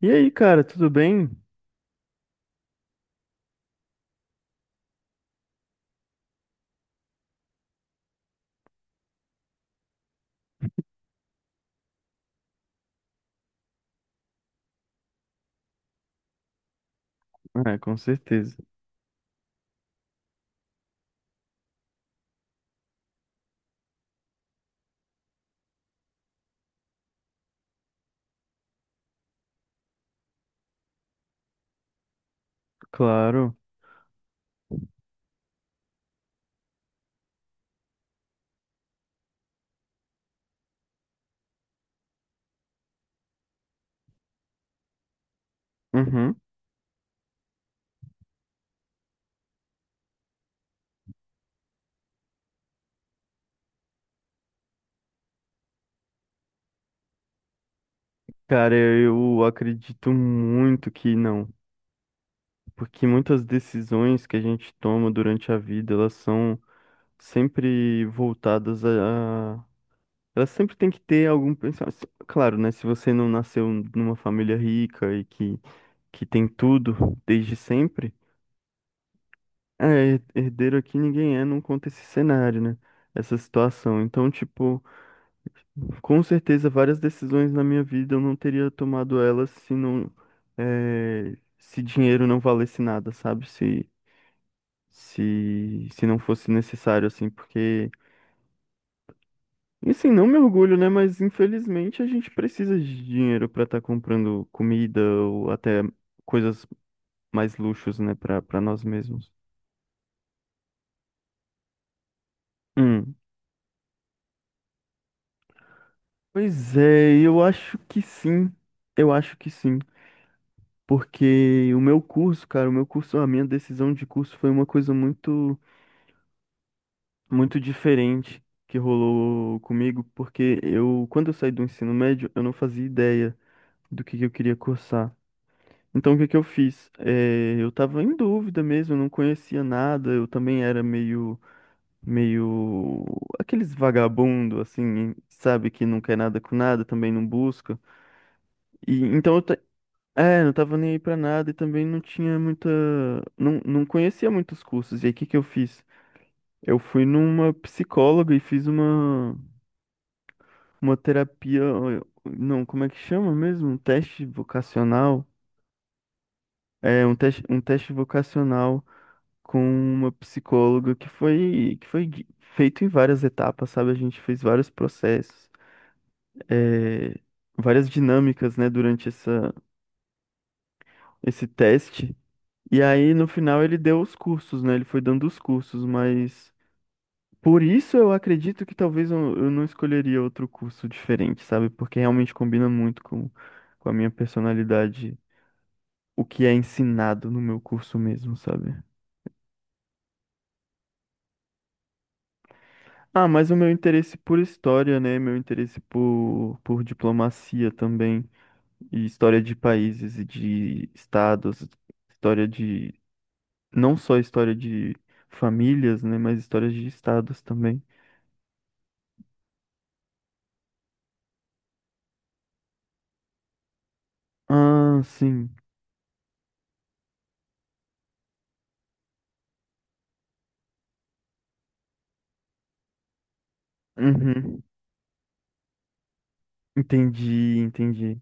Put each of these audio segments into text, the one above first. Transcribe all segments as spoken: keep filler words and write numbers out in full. E aí, cara, tudo bem? Ah, com certeza. Claro. Uhum. Cara, eu acredito muito que não, porque muitas decisões que a gente toma durante a vida, elas são sempre voltadas a... a- Elas sempre têm que ter algum pensamento. Claro, né? Se você não nasceu numa família rica e que, que tem tudo desde sempre, é, herdeiro aqui ninguém é, não conta esse cenário, né? Essa situação. Então, tipo. Com certeza, várias decisões na minha vida eu não teria tomado elas se não, eh, se dinheiro não valesse nada, sabe? Se, se, se não fosse necessário, assim, porque, assim, não me orgulho, né? Mas infelizmente a gente precisa de dinheiro para estar comprando comida ou até coisas mais luxos, né, para para nós mesmos. Hum. Pois é, eu acho que sim. Eu acho que sim. Porque o meu curso, cara, o meu curso, a minha decisão de curso foi uma coisa muito muito diferente que rolou comigo, porque eu, quando eu saí do ensino médio, eu não fazia ideia do que que eu queria cursar. Então, o que que eu fiz? Eh, eu estava em dúvida mesmo, eu não conhecia nada, eu também era meio, meio aqueles vagabundo, assim, sabe, que não quer nada com nada, também não busca. E então eu ta- é, não tava nem aí pra nada e também não tinha muita. Não, não conhecia muitos cursos. E aí, o que que eu fiz? Eu fui numa psicóloga e fiz uma. Uma terapia, ó, não, como é que chama mesmo? Um teste vocacional. É, um teste, um teste vocacional com uma psicóloga que foi, que foi gui- feito em várias etapas, sabe? A gente fez vários processos, é, várias dinâmicas, né, durante essa, esse teste. E aí, no final, ele deu os cursos, né? Ele foi dando os cursos, mas por isso eu acredito que talvez eu, eu não escolheria outro curso diferente, sabe? Porque realmente combina muito com, com a minha personalidade o que é ensinado no meu curso mesmo, sabe? Ah, mas o meu interesse por história, né? Meu interesse por, por diplomacia também, e história de países e de estados, história de, não só história de famílias, né? Mas histórias de estados também. Ah, sim. Uhum. Entendi, entendi.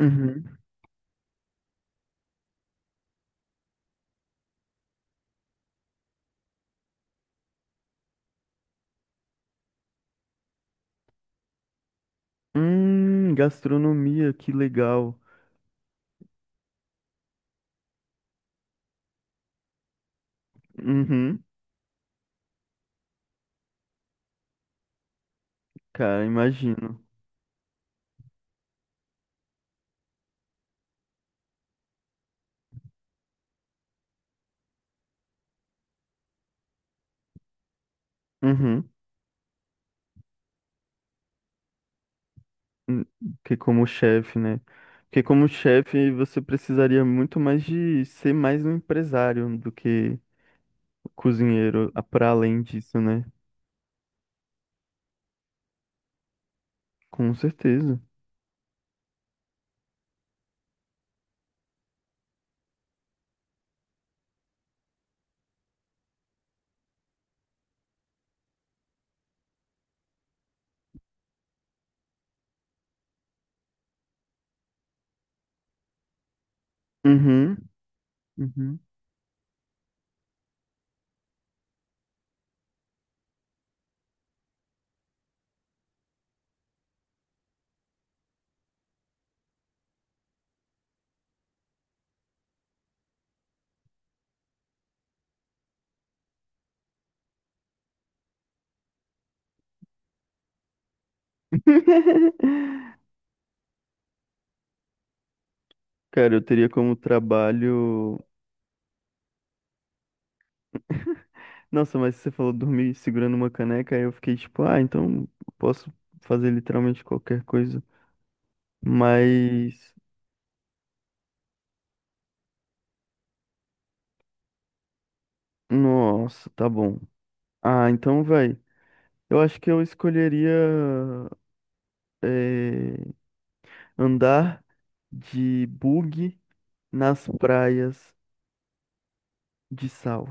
Uhum. Hum, gastronomia, que legal. Uhum. Cara, imagino. Uhum. Hum, que como chefe, né? Porque como chefe você precisaria muito mais de ser mais um empresário do que cozinheiro, a- para além disso, né? Com certeza. Uhum, uhum. Cara, eu teria como trabalho. Nossa, mas você falou dormir segurando uma caneca, aí eu fiquei tipo, ah, então posso fazer literalmente qualquer coisa. Mas, nossa, tá bom. Ah, então vai. Eu acho que eu escolheria. eh, Andar de bug nas praias de sal.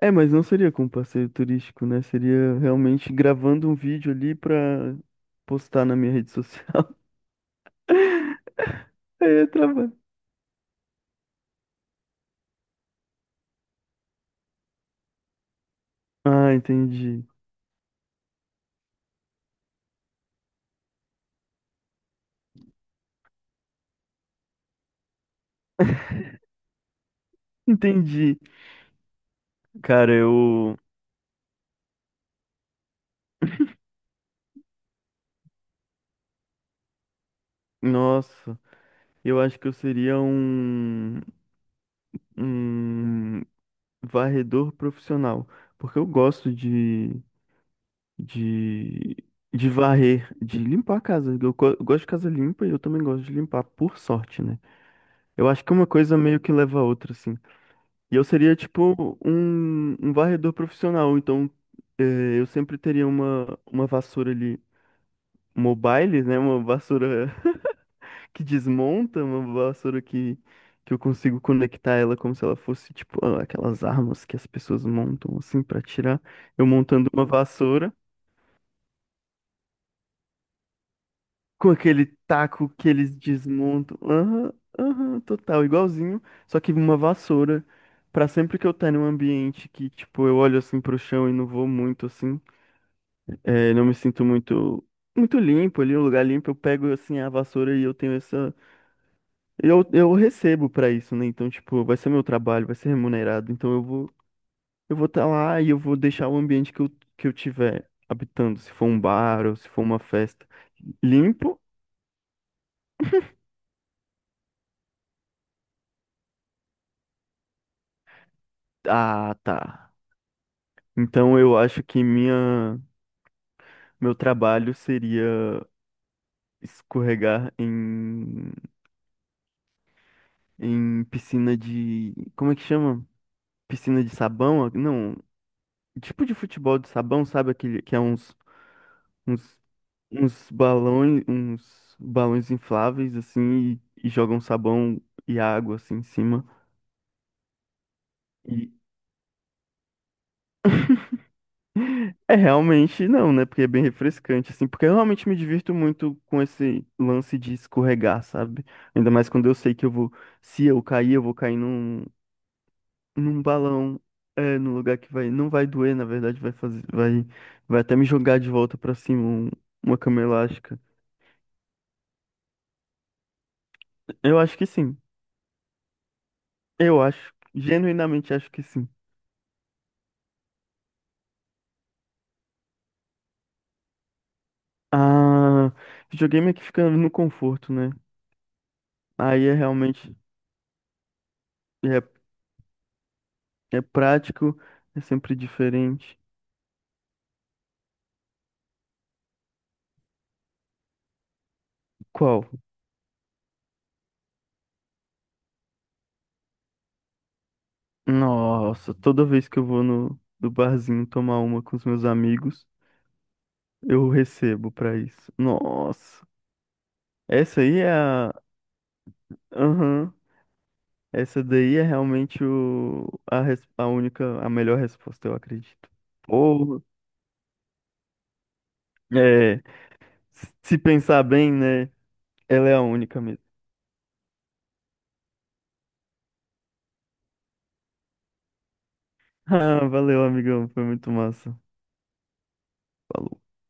É, mas não seria com passeio turístico, né? Seria realmente gravando um vídeo ali pra postar na minha rede social. Aí é trabalho. Ah, entendi. Entendi. Cara, eu. Nossa, eu acho que eu seria um. Um varredor profissional. Porque eu gosto de. De, de varrer, de limpar a casa. Eu, go- eu gosto de casa limpa e eu também gosto de limpar, por sorte, né? Eu acho que uma coisa meio que leva a outra, assim. E eu seria, tipo, um, um varredor profissional, então eh, eu sempre teria uma, uma vassoura ali mobile, né? Uma vassoura que desmonta, uma vassoura que. Que eu consigo conectar ela como se ela fosse, tipo, aquelas armas que as pessoas montam, assim, pra tirar. Eu montando uma vassoura. Com aquele taco que eles desmontam. Aham, aham, total, igualzinho. Só que uma vassoura. Pra sempre que eu tá num ambiente que, tipo, eu olho assim pro chão e não vou muito assim. É, não me sinto muito. Muito limpo ali, um lugar limpo, eu pego assim a vassoura e eu tenho essa. Eu, eu recebo pra isso, né? Então, tipo, vai ser meu trabalho, vai ser remunerado. Então eu vou eu vou estar lá e eu vou deixar o ambiente que eu, que eu tiver habitando, se for um bar ou se for uma festa, limpo. Ah, tá. Então eu acho que minha, meu trabalho seria escorregar em, em piscina de. Como é que chama? Piscina de sabão? Não, tipo de futebol de sabão, sabe? Aquele que é uns, uns, uns balões, uns balões infláveis assim e, e jogam sabão e água assim em cima. É, realmente não, né? Porque é bem refrescante, assim. Porque eu realmente me divirto muito com esse lance de escorregar, sabe? Ainda mais quando eu sei que eu vou. Se eu cair, eu vou cair num, num balão. É, num lugar que vai. Não vai doer, na verdade, vai fazer. Vai, vai até me jogar de volta pra cima um- uma cama elástica. Eu acho que sim. Eu acho. Genuinamente acho que sim. Ah, videogame é que fica no conforto, né? Aí é realmente. É, é prático, é sempre diferente. Qual? Nossa, toda vez que eu vou no, no barzinho tomar uma com os meus amigos, eu recebo pra isso. Nossa, essa aí é a. Aham, essa daí é realmente o, a, res- a única, a melhor resposta, eu acredito. Ou, é, se pensar bem, né? Ela é a única mesmo. Ah, valeu, amigão, foi muito massa. Falou.